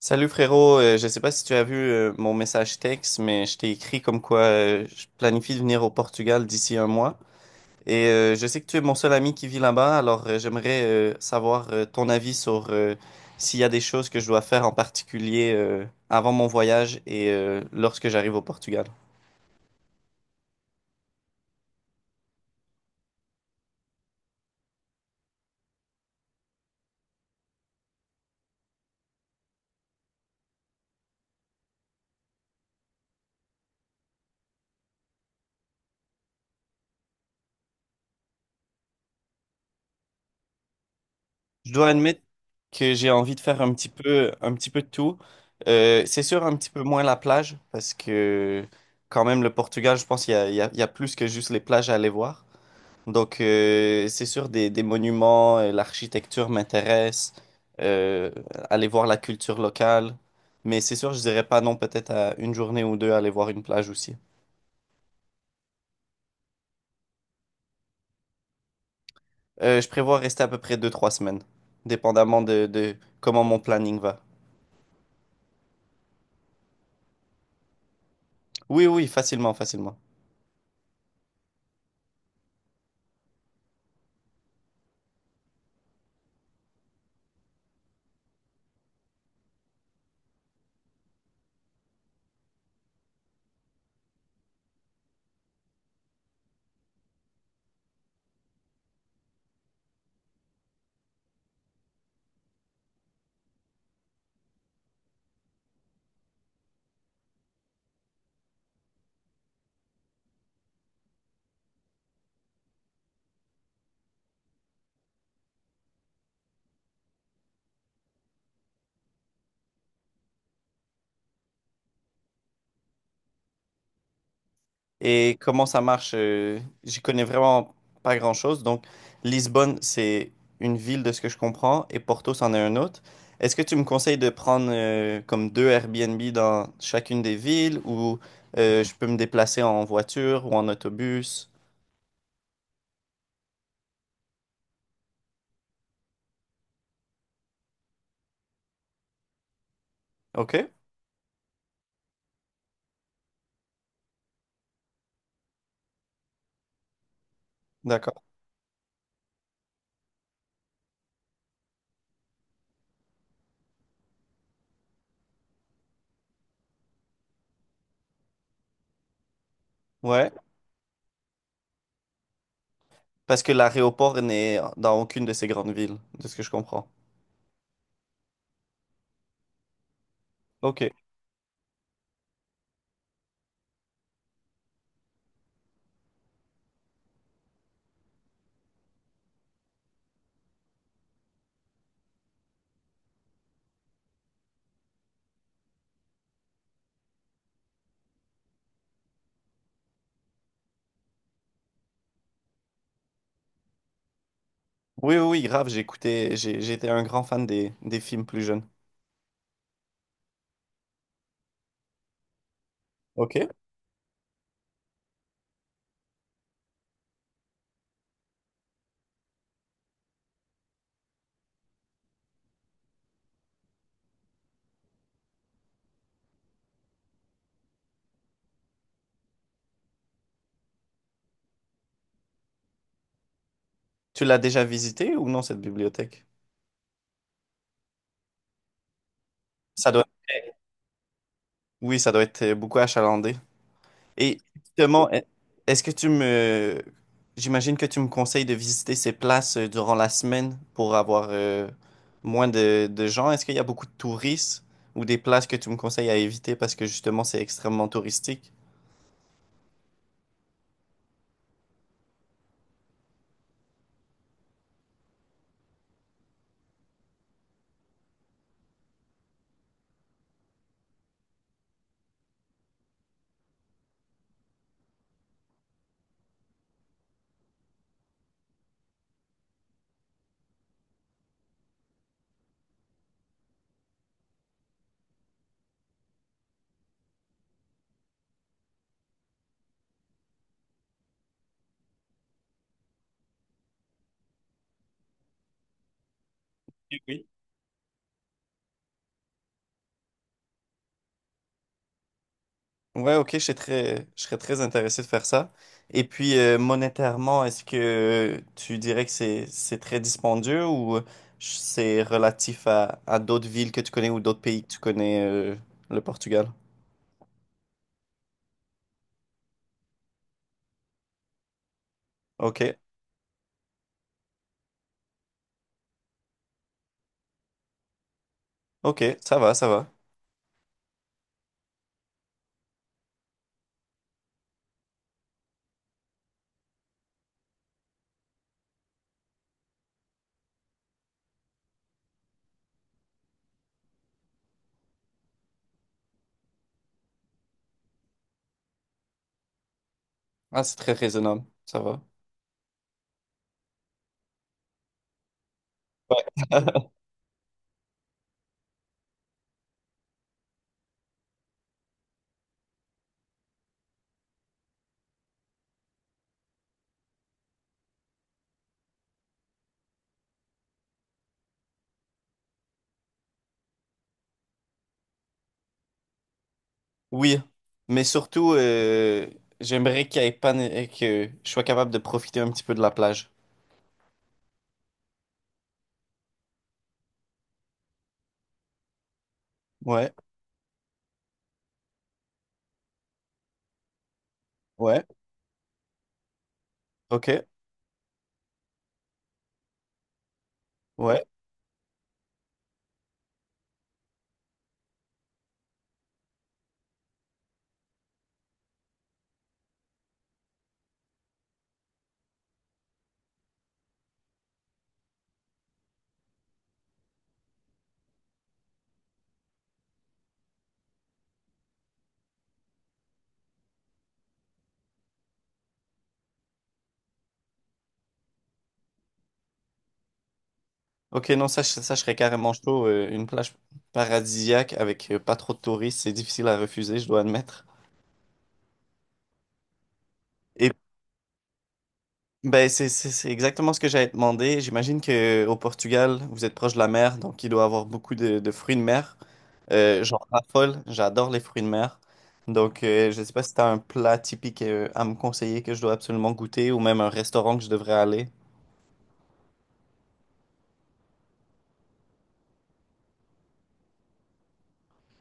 Salut frérot. Je sais pas si tu as vu mon message texte, mais je t'ai écrit comme quoi je planifie de venir au Portugal d'ici un mois. Et je sais que tu es mon seul ami qui vit là-bas, alors j'aimerais savoir ton avis sur s'il y a des choses que je dois faire en particulier avant mon voyage et lorsque j'arrive au Portugal. Je dois admettre que j'ai envie de faire un petit peu de tout. C'est sûr un petit peu moins la plage, parce que quand même le Portugal, je pense qu'il y a il y a- il y a plus que juste les plages à aller voir. Donc, c'est sûr, des monuments, l'architecture m'intéresse, euh, aller voir la culture locale. Mais c'est sûr, je dirais pas non, peut-être à une journée ou deux, aller voir une plage aussi. Je prévois rester à peu près deux, trois semaines, dépendamment de comment mon planning va. Oui, oui, facilement, facilement. Et comment ça marche, j'y connais vraiment pas grand-chose. Donc, Lisbonne, c'est une ville de ce que je comprends, et Porto, c'en est un autre. Est-ce que tu me conseilles de prendre comme deux Airbnb dans chacune des villes, ou je peux me déplacer en voiture ou en autobus? OK, d'accord. Ouais, parce que l'aéroport n'est dans aucune de ces grandes villes, de ce que je comprends. OK. Oui, oui, oui, grave, j'ai écouté, j'étais un grand fan des films plus jeunes. OK. Tu l'as déjà visité ou non, cette bibliothèque? Ça doit, oui, ça doit être beaucoup achalandé. Et justement, est-ce que tu me, j'imagine que tu me conseilles de visiter ces places durant la semaine pour avoir moins de gens. Est-ce qu'il y a beaucoup de touristes ou des places que tu me conseilles à éviter parce que justement c'est extrêmement touristique? Oui. Ouais, ok, je serais très intéressé de faire ça. Et puis, monétairement, est-ce que tu dirais que c'est très dispendieux ou c'est relatif à d'autres villes que tu connais ou d'autres pays que tu connais, le Portugal? Ok, ok, ça va, ça va. Ah, c'est très raisonnable, ça va. Ouais. Oui, mais surtout, j'aimerais qu'il y ait pas, que je sois capable de profiter un petit peu de la plage. Ouais, ouais, ok, ouais. Ok, non, ça, je serais carrément chaud. Une plage paradisiaque avec pas trop de touristes, c'est difficile à refuser, je dois admettre. Et ben, c'est exactement ce que j'avais demandé. J'imagine que au Portugal, vous êtes proche de la mer, donc il doit y avoir beaucoup de fruits de mer. J'en raffole, j'adore les fruits de mer. Donc, je sais pas si tu as un plat typique à me conseiller que je dois absolument goûter ou même un restaurant que je devrais aller.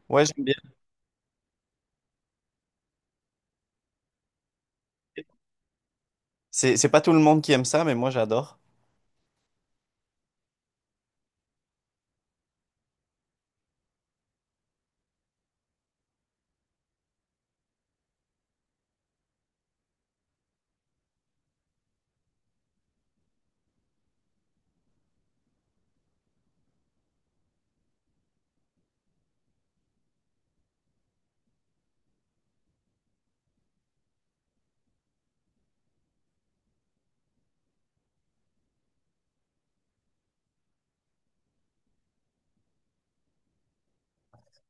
Ouais, j'aime bien. C'est pas tout le monde qui aime ça, mais moi, j'adore.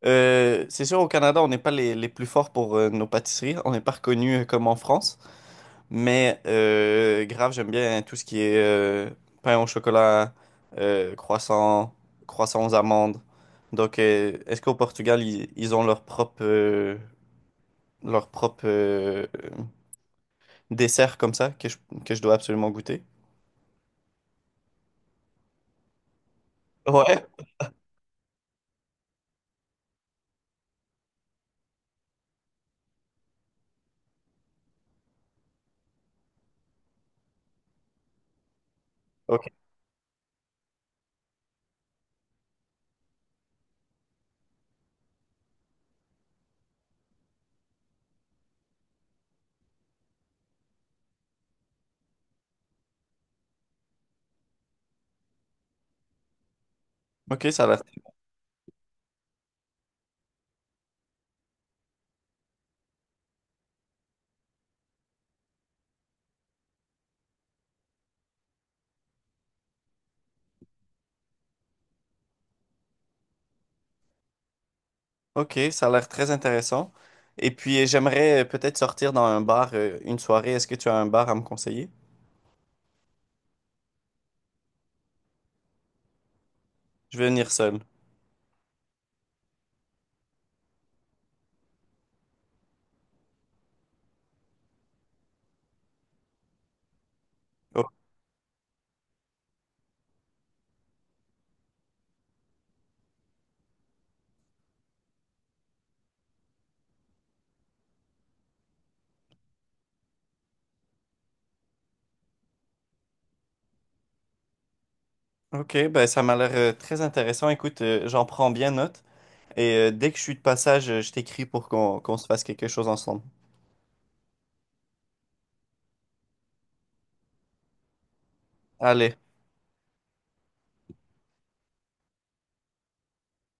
C'est sûr, au Canada, on n'est pas les plus forts pour nos pâtisseries. On n'est pas reconnu comme en France. Mais grave, j'aime bien tout ce qui est pain au chocolat, croissant, croissant aux amandes. Donc, est-ce qu'au Portugal, ils ont leur propre dessert comme ça que je dois absolument goûter? Ouais. Ok, ok, ok, ça a l'air très intéressant. Et puis, j'aimerais peut-être sortir dans un bar, une soirée. Est-ce que tu as un bar à me conseiller? Je vais venir seul. Oh. Ok, ben ça m'a l'air très intéressant. Écoute, j'en prends bien note. Et dès que je suis de passage, je t'écris pour qu'on se fasse quelque chose ensemble. Allez.